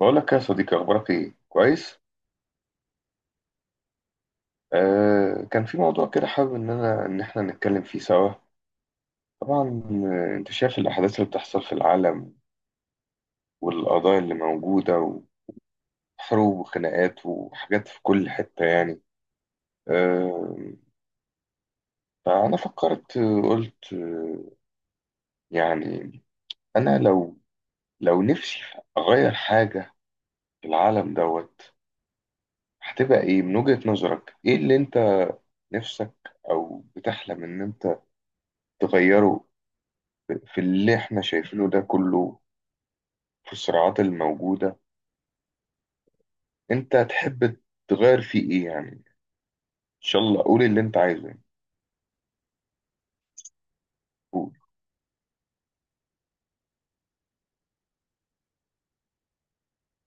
بقول لك يا صديقي، اخبارك ايه؟ كويس. كان في موضوع كده حابب ان انا ان احنا نتكلم فيه سوا. طبعا، انت شايف الاحداث اللي بتحصل في العالم، والقضايا اللي موجوده، وحروب وخناقات وحاجات في كل حته، آه فانا فكرت، قلت، يعني انا لو، نفسي اغير حاجه في العالم دوت، هتبقى ايه؟ من وجهة نظرك، ايه اللي انت نفسك او بتحلم ان انت تغيره في اللي احنا شايفينه ده كله، في الصراعات الموجودة؟ انت تحب تغير فيه ايه؟ ان شاء الله قول اللي انت عايزه يعني. قول.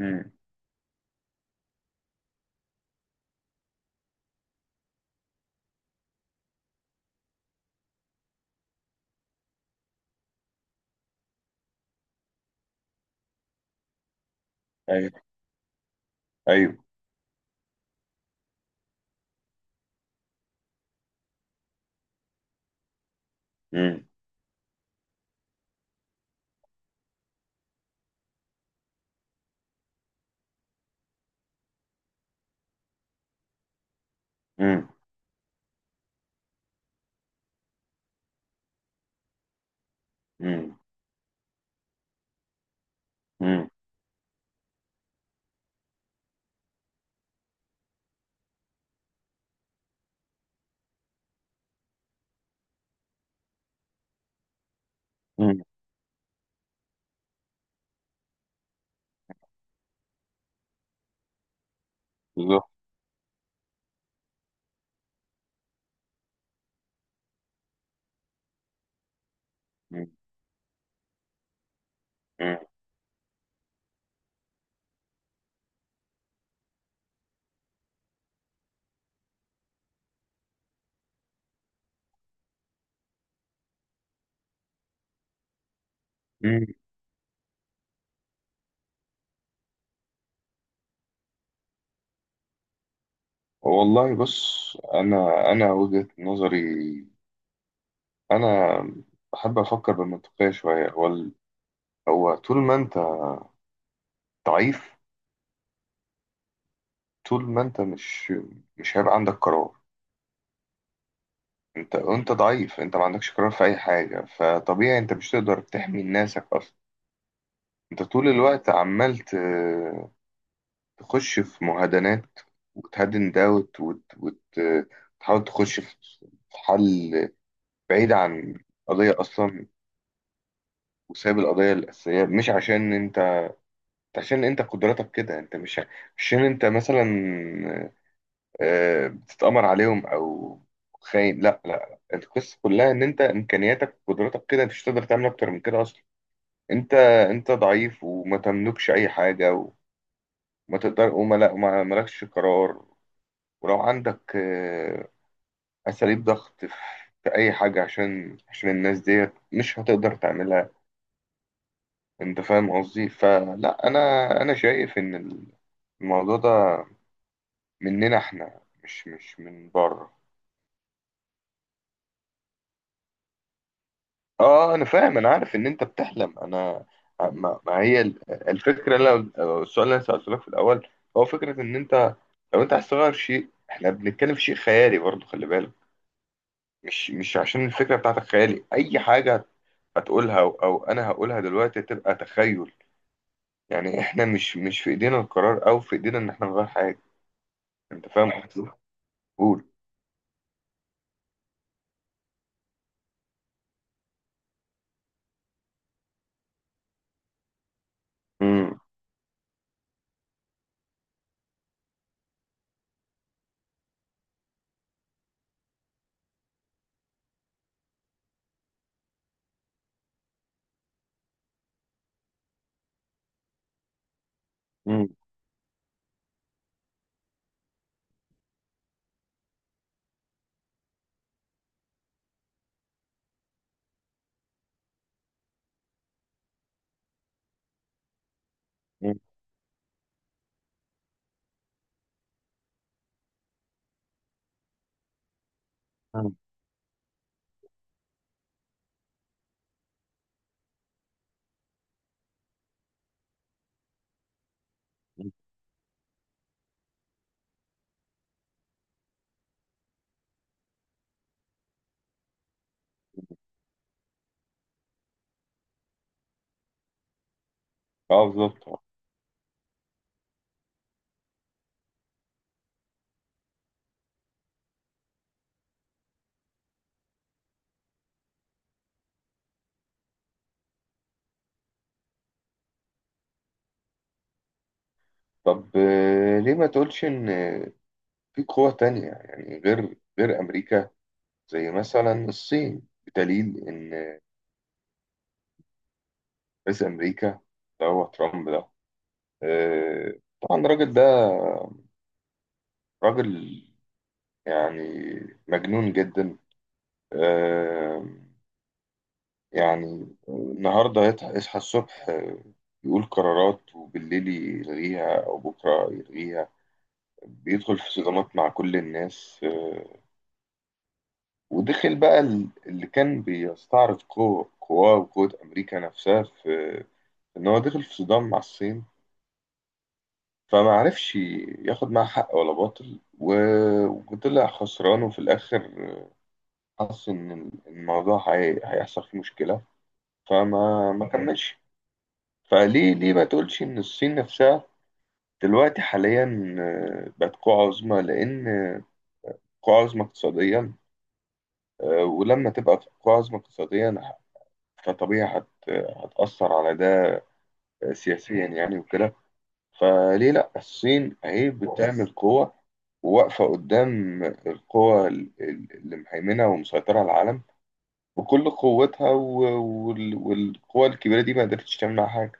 امم. ايوه. ايوه. امم. امم. امم. امم. امم. بالظبط. مم. مم. مم. والله بص، انا وجهة نظري، انا بحب افكر بالمنطقية شوية. هو طول ما انت ضعيف، طول ما انت مش هيبقى عندك قرار. انت ضعيف، انت ما عندكش قرار في اي حاجة، فطبيعي انت مش تقدر تحمي ناسك اصلا. انت طول الوقت عمال تخش في مهادنات وتهدن ده وتحاول تخش في حل بعيد عن قضية اصلا، وسايب القضية الأساسية. مش عشان انت، عشان انت قدراتك كده، انت مش عشان انت مثلا بتتأمر عليهم او خاين، لا لا، القصة كلها ان انت امكانياتك وقدراتك كده، انت مش هتقدر تعمل اكتر من كده اصلا. انت انت ضعيف وما تملكش اي حاجه، وما تقدر وما لا ما مالكش قرار، ولو عندك اساليب ضغط في اي حاجه، عشان الناس ديت مش هتقدر تعملها. انت فاهم قصدي؟ فلا، انا شايف ان الموضوع ده مننا احنا، مش من بره. اه انا فاهم، انا عارف ان انت بتحلم. انا ما هي الفكره، السؤال اللي انا سالته لك في الاول، هو فكره ان انت لو انت عايز تغير شيء، احنا بنتكلم في شيء خيالي برضه، خلي بالك. مش عشان الفكره بتاعتك خيالي، اي حاجه هتقولها او انا هقولها دلوقتي تبقى تخيل، يعني احنا مش في ايدينا القرار، او في ايدينا ان احنا نغير حاجه. انت فاهم قصدي؟ قول. امم. امم. امم. امم. اه بالظبط. طب، ليه ما تقولش ان في قوة تانية يعني غير امريكا، زي مثلا الصين؟ بدليل ان رئيس امريكا اللي هو ترامب ده، آه، طبعا الراجل ده راجل يعني مجنون جدا، آه، يعني النهارده يصحى الصبح يقول قرارات وبالليل يلغيها او بكره يلغيها، بيدخل في صدامات مع كل الناس. ودخل بقى اللي كان بيستعرض قواه وقوة امريكا نفسها في ان هو دخل في صدام مع الصين، فما عرفش ياخد معاه حق ولا باطل، وطلع خسران. وفي الاخر حس ان الموضوع هيحصل فيه مشكله فما ما كملش. فليه، ما تقولش ان الصين نفسها دلوقتي حاليا، بقت قوة عظمى، لان قوة عظمى اقتصاديا، ولما تبقى قوة عظمى اقتصاديا فطبيعي هتأثر على ده سياسيا يعني وكده. فليه لا؟ الصين اهي بتعمل قوة وواقفة قدام القوة اللي مهيمنة ومسيطرة على العالم، وكل قوتها والقوى الكبيرة دي ما قدرتش تمنع حاجة.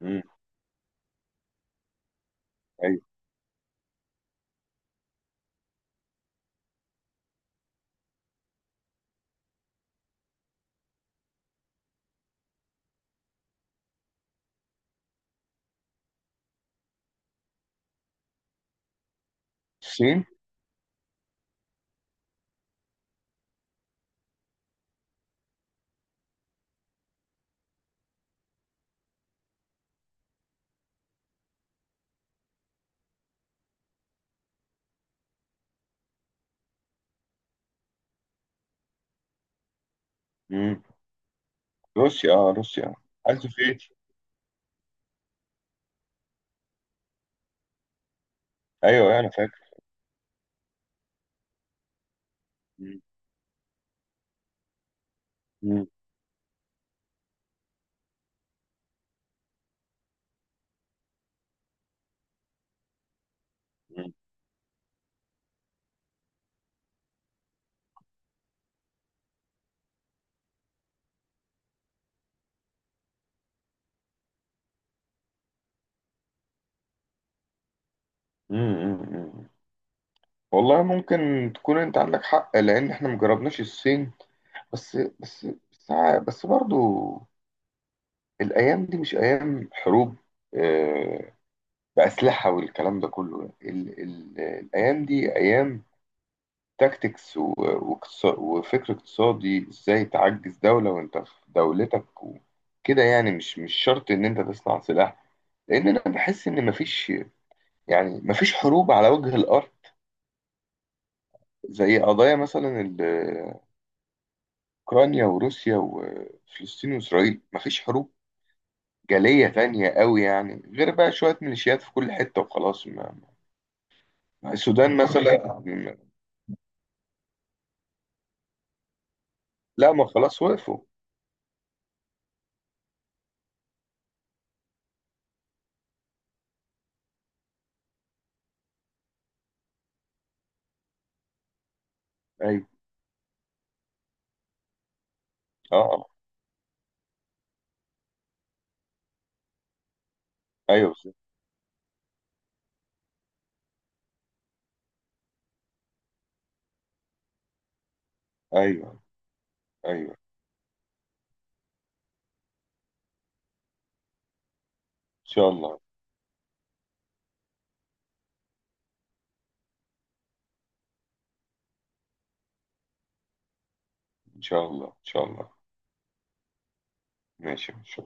امم. ايوه. الصين. امم. روسيا. اه روسيا. عايز فيت. ايوه انا فاكر. مم. مم. مم. مم. مم. والله ممكن تكون انت عندك حق، لان احنا مجربناش الصين. بس بس برضو، الايام دي مش ايام حروب آه، بأسلحة والكلام ده كله. ال الأيام دي أيام تاكتكس وفكر اقتصادي، ازاي تعجز دولة وانت في دولتك وكده، يعني مش شرط ان انت تصنع سلاح. لان انا بحس ان مفيش، يعني مفيش حروب على وجه الارض زي قضايا مثلا اوكرانيا وروسيا وفلسطين واسرائيل. مفيش حروب جالية تانية قوي يعني، غير بقى شوية ميليشيات في كل حتة وخلاص. السودان مثلا. لا ما خلاص وقفوا. ايوه. اه. آه. ايوه بالظبط. ايوه. ايوه. ان شاء الله. إن شاء الله. إن شاء الله. ماشي، شكرا.